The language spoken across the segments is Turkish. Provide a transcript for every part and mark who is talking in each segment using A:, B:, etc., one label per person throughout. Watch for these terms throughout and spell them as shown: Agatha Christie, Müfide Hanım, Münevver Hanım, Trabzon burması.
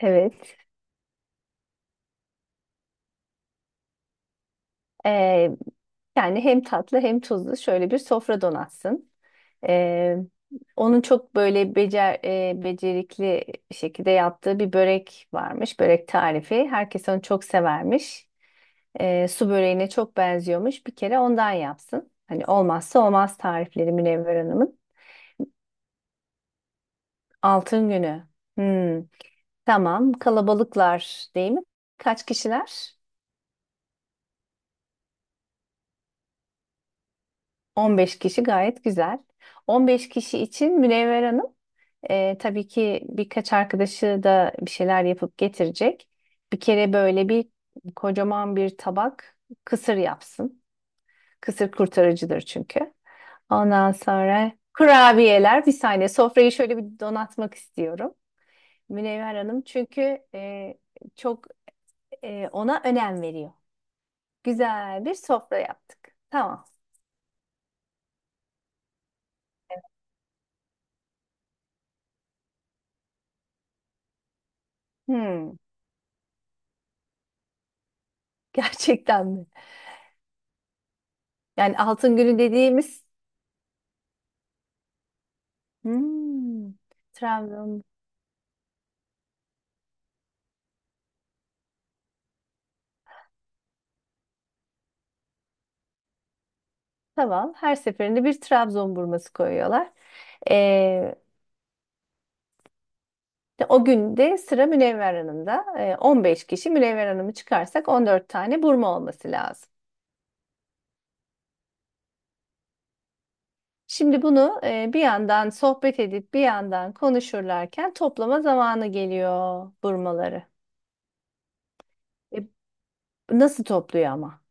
A: Evet. Ee, yani hem tatlı hem tuzlu şöyle bir sofra donatsın. Ee, onun çok böyle becerikli şekilde yaptığı bir börek varmış. Börek tarifi. Herkes onu çok severmiş. Su böreğine çok benziyormuş. Bir kere ondan yapsın. Hani olmazsa olmaz tarifleri Münevver Hanım'ın. Altın günü. Hmm, tamam. Kalabalıklar değil mi? Kaç kişiler? 15 kişi gayet güzel. 15 kişi için Münevver Hanım. Tabii ki birkaç arkadaşı da bir şeyler yapıp getirecek. Bir kere böyle bir kocaman bir tabak kısır yapsın. Kısır kurtarıcıdır çünkü. Ondan sonra kurabiyeler bir saniye sofrayı şöyle bir donatmak istiyorum. Münevver Hanım çünkü çok ona önem veriyor. Güzel bir sofra yaptık. Tamam. Hmm, gerçekten mi? Yani altın günü dediğimiz hmm, Trabzon. Tamam. Her seferinde bir Trabzon burması koyuyorlar. Ee, o gün de sıra Münevver Hanım'da. 15 kişi Münevver Hanım'ı çıkarsak 14 tane burma olması lazım. Şimdi bunu bir yandan sohbet edip bir yandan konuşurlarken toplama zamanı geliyor burmaları. E, nasıl topluyor ama?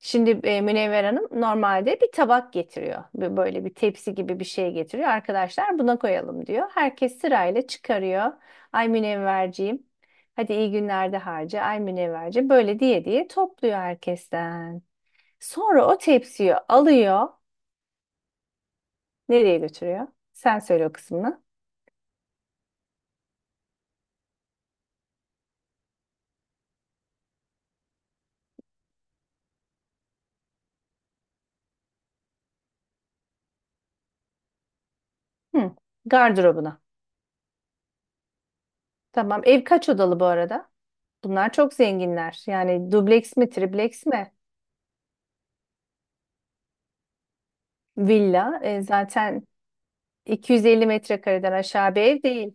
A: Şimdi Münevver Hanım normalde bir tabak getiriyor. Böyle bir tepsi gibi bir şey getiriyor. Arkadaşlar buna koyalım diyor. Herkes sırayla çıkarıyor. Ay Münevverciğim. Hadi iyi günlerde harca. Ay Münevverci. Böyle diye diye topluyor herkesten. Sonra o tepsiyi alıyor. Nereye götürüyor? Sen söyle o kısmını. Hı, gardırobuna. Tamam. Ev kaç odalı bu arada? Bunlar çok zenginler. Yani dubleks mi, tripleks mi? Villa. E, zaten 250 metrekareden aşağı bir ev değil.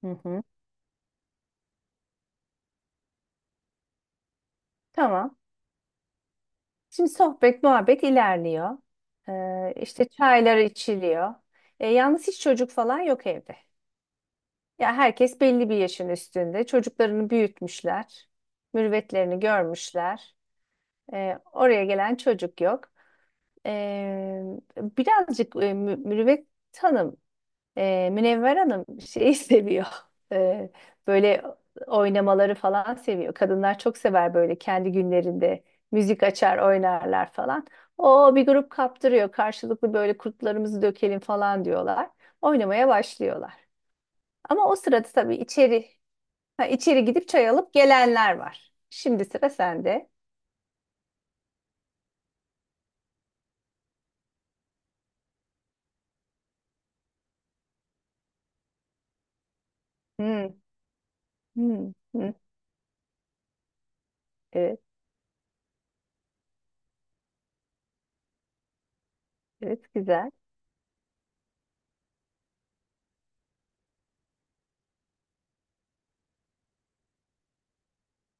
A: Hı hı. Tamam. Şimdi sohbet, muhabbet ilerliyor. İşte çaylar içiliyor. Yalnız hiç çocuk falan yok evde. Ya herkes belli bir yaşın üstünde. Çocuklarını büyütmüşler. Mürüvvetlerini görmüşler. Oraya gelen çocuk yok. Ee, birazcık mürüvvet tanım. Münevver Hanım şeyi seviyor. Ee, böyle oynamaları falan seviyor. Kadınlar çok sever böyle kendi günlerinde müzik açar oynarlar falan. O bir grup kaptırıyor. Karşılıklı böyle kurtlarımızı dökelim falan diyorlar. Oynamaya başlıyorlar. Ama o sırada tabii içeri gidip çay alıp gelenler var. Şimdi sıra sende. Hmm, hmm, hmm. Evet, evet, güzel.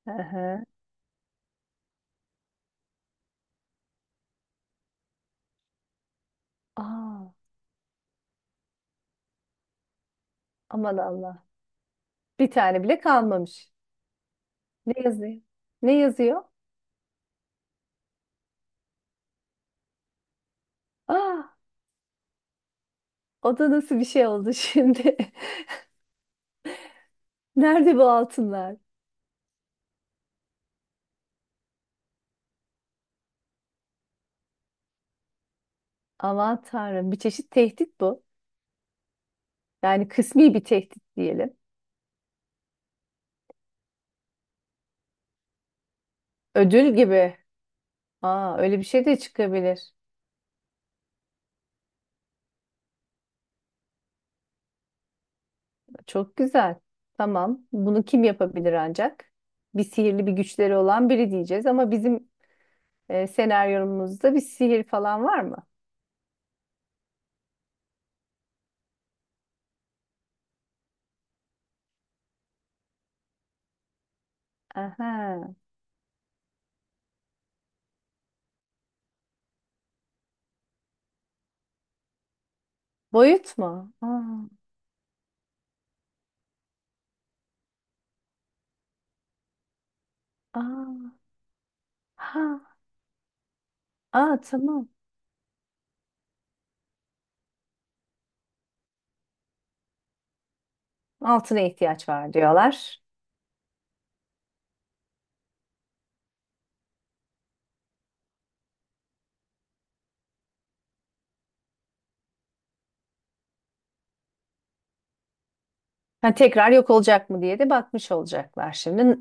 A: Hı hı. Aa, aman Allah. Bir tane bile kalmamış. Ne yazıyor? Ne yazıyor? Aa, o da nasıl bir şey oldu şimdi? Nerede bu altınlar? Aman Tanrım, bir çeşit tehdit bu. Yani kısmi bir tehdit diyelim. Ödül gibi. Aa, öyle bir şey de çıkabilir. Çok güzel. Tamam. Bunu kim yapabilir ancak? Bir sihirli bir güçleri olan biri diyeceğiz ama bizim senaryomuzda bir sihir falan var mı? Aha. Boyut mu? Aa, aa, ha, aa, tamam. Altına ihtiyaç var diyorlar. Ha, tekrar yok olacak mı diye de bakmış olacaklar. Şimdi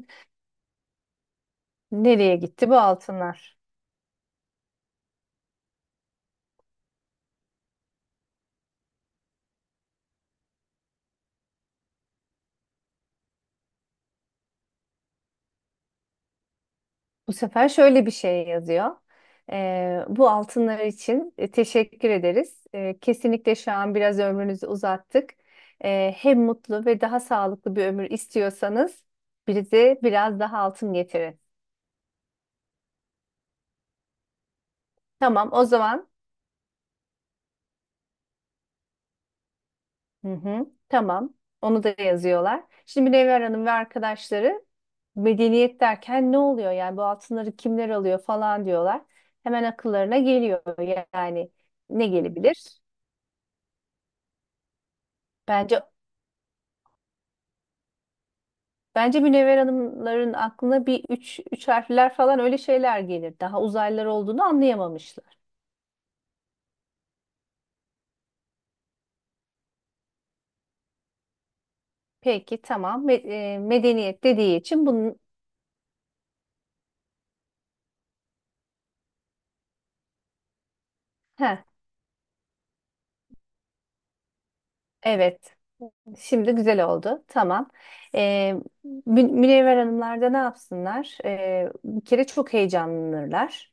A: nereye gitti bu altınlar? Bu sefer şöyle bir şey yazıyor. Bu altınlar için teşekkür ederiz. Kesinlikle şu an biraz ömrünüzü uzattık. Hem mutlu ve daha sağlıklı bir ömür istiyorsanız bize biraz daha altın getirin. Tamam, o zaman. Hı hı. Tamam. Onu da yazıyorlar. Şimdi Münevver Hanım ve arkadaşları medeniyet derken ne oluyor yani bu altınları kimler alıyor falan diyorlar. Hemen akıllarına geliyor yani ne gelebilir? Bence bence Münevver Hanımların aklına bir üç harfler falan öyle şeyler gelir. Daha uzaylılar olduğunu anlayamamışlar. Peki tamam. Medeniyet dediği için bunun. Heh, evet. Şimdi güzel oldu. Tamam. Ee, Münevver Hanımlar da ne yapsınlar? Bir kere çok heyecanlanırlar.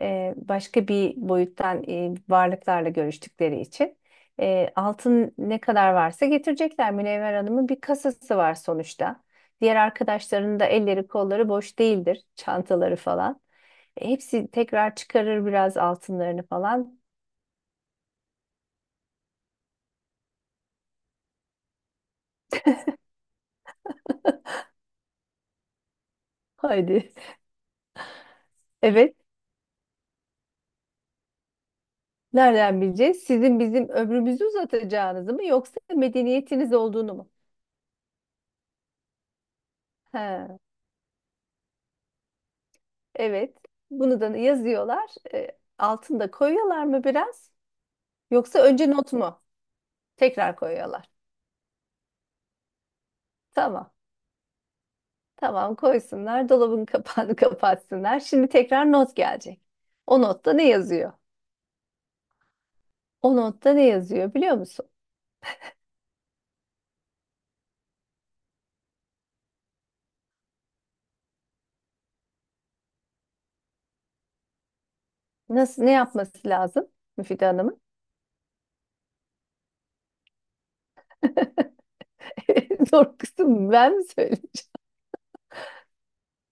A: Başka bir boyuttan varlıklarla görüştükleri için. Altın ne kadar varsa getirecekler. Münevver Hanım'ın bir kasası var sonuçta. Diğer arkadaşlarının da elleri kolları boş değildir. Çantaları falan. Hepsi tekrar çıkarır biraz altınlarını falan. Haydi. Evet. Nereden bileceğiz? Sizin bizim ömrümüzü uzatacağınızı mı yoksa medeniyetiniz olduğunu mu? He, evet. Bunu da yazıyorlar. Altında koyuyorlar mı biraz? Yoksa önce not mu? Tekrar koyuyorlar. Tamam. Tamam koysunlar. Dolabın kapağını kapatsınlar. Şimdi tekrar not gelecek. O notta ne yazıyor? O notta ne yazıyor biliyor musun? Nasıl ne yapması lazım Müfide Hanım'ın? Zor kısım ben mi söyleyeyim?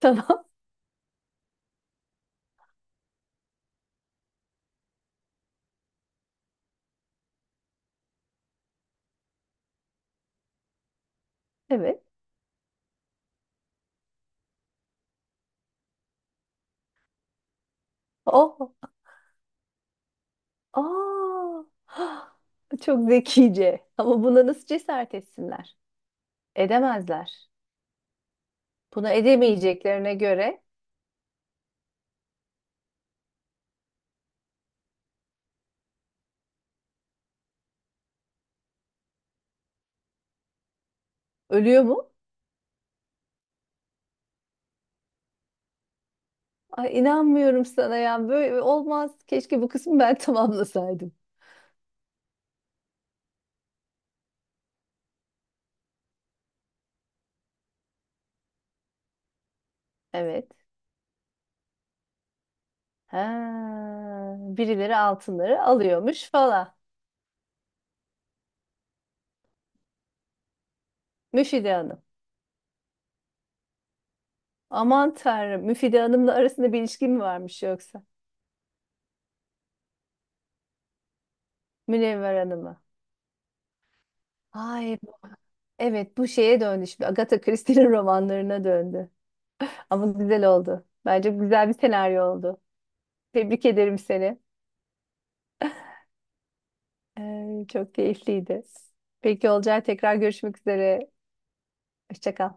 A: Tamam. Evet. Oh. Aa, çok zekice. Ama buna nasıl cesaret etsinler? Edemezler. Buna edemeyeceklerine göre ölüyor mu? Ay inanmıyorum sana ya. Böyle olmaz. Keşke bu kısmı ben tamamlasaydım. Evet. Ha, birileri altınları alıyormuş falan. Müfide Hanım. Aman Tanrım. Müfide Hanım'la arasında bir ilişki mi varmış yoksa? Münevver Hanım'a. Ay evet bu şeye döndü şimdi. Agatha Christie'nin romanlarına döndü. Ama güzel oldu. Bence güzel bir senaryo oldu. Tebrik ederim seni. Çok keyifliydi. Peki Olcay tekrar görüşmek üzere. Hoşça kal.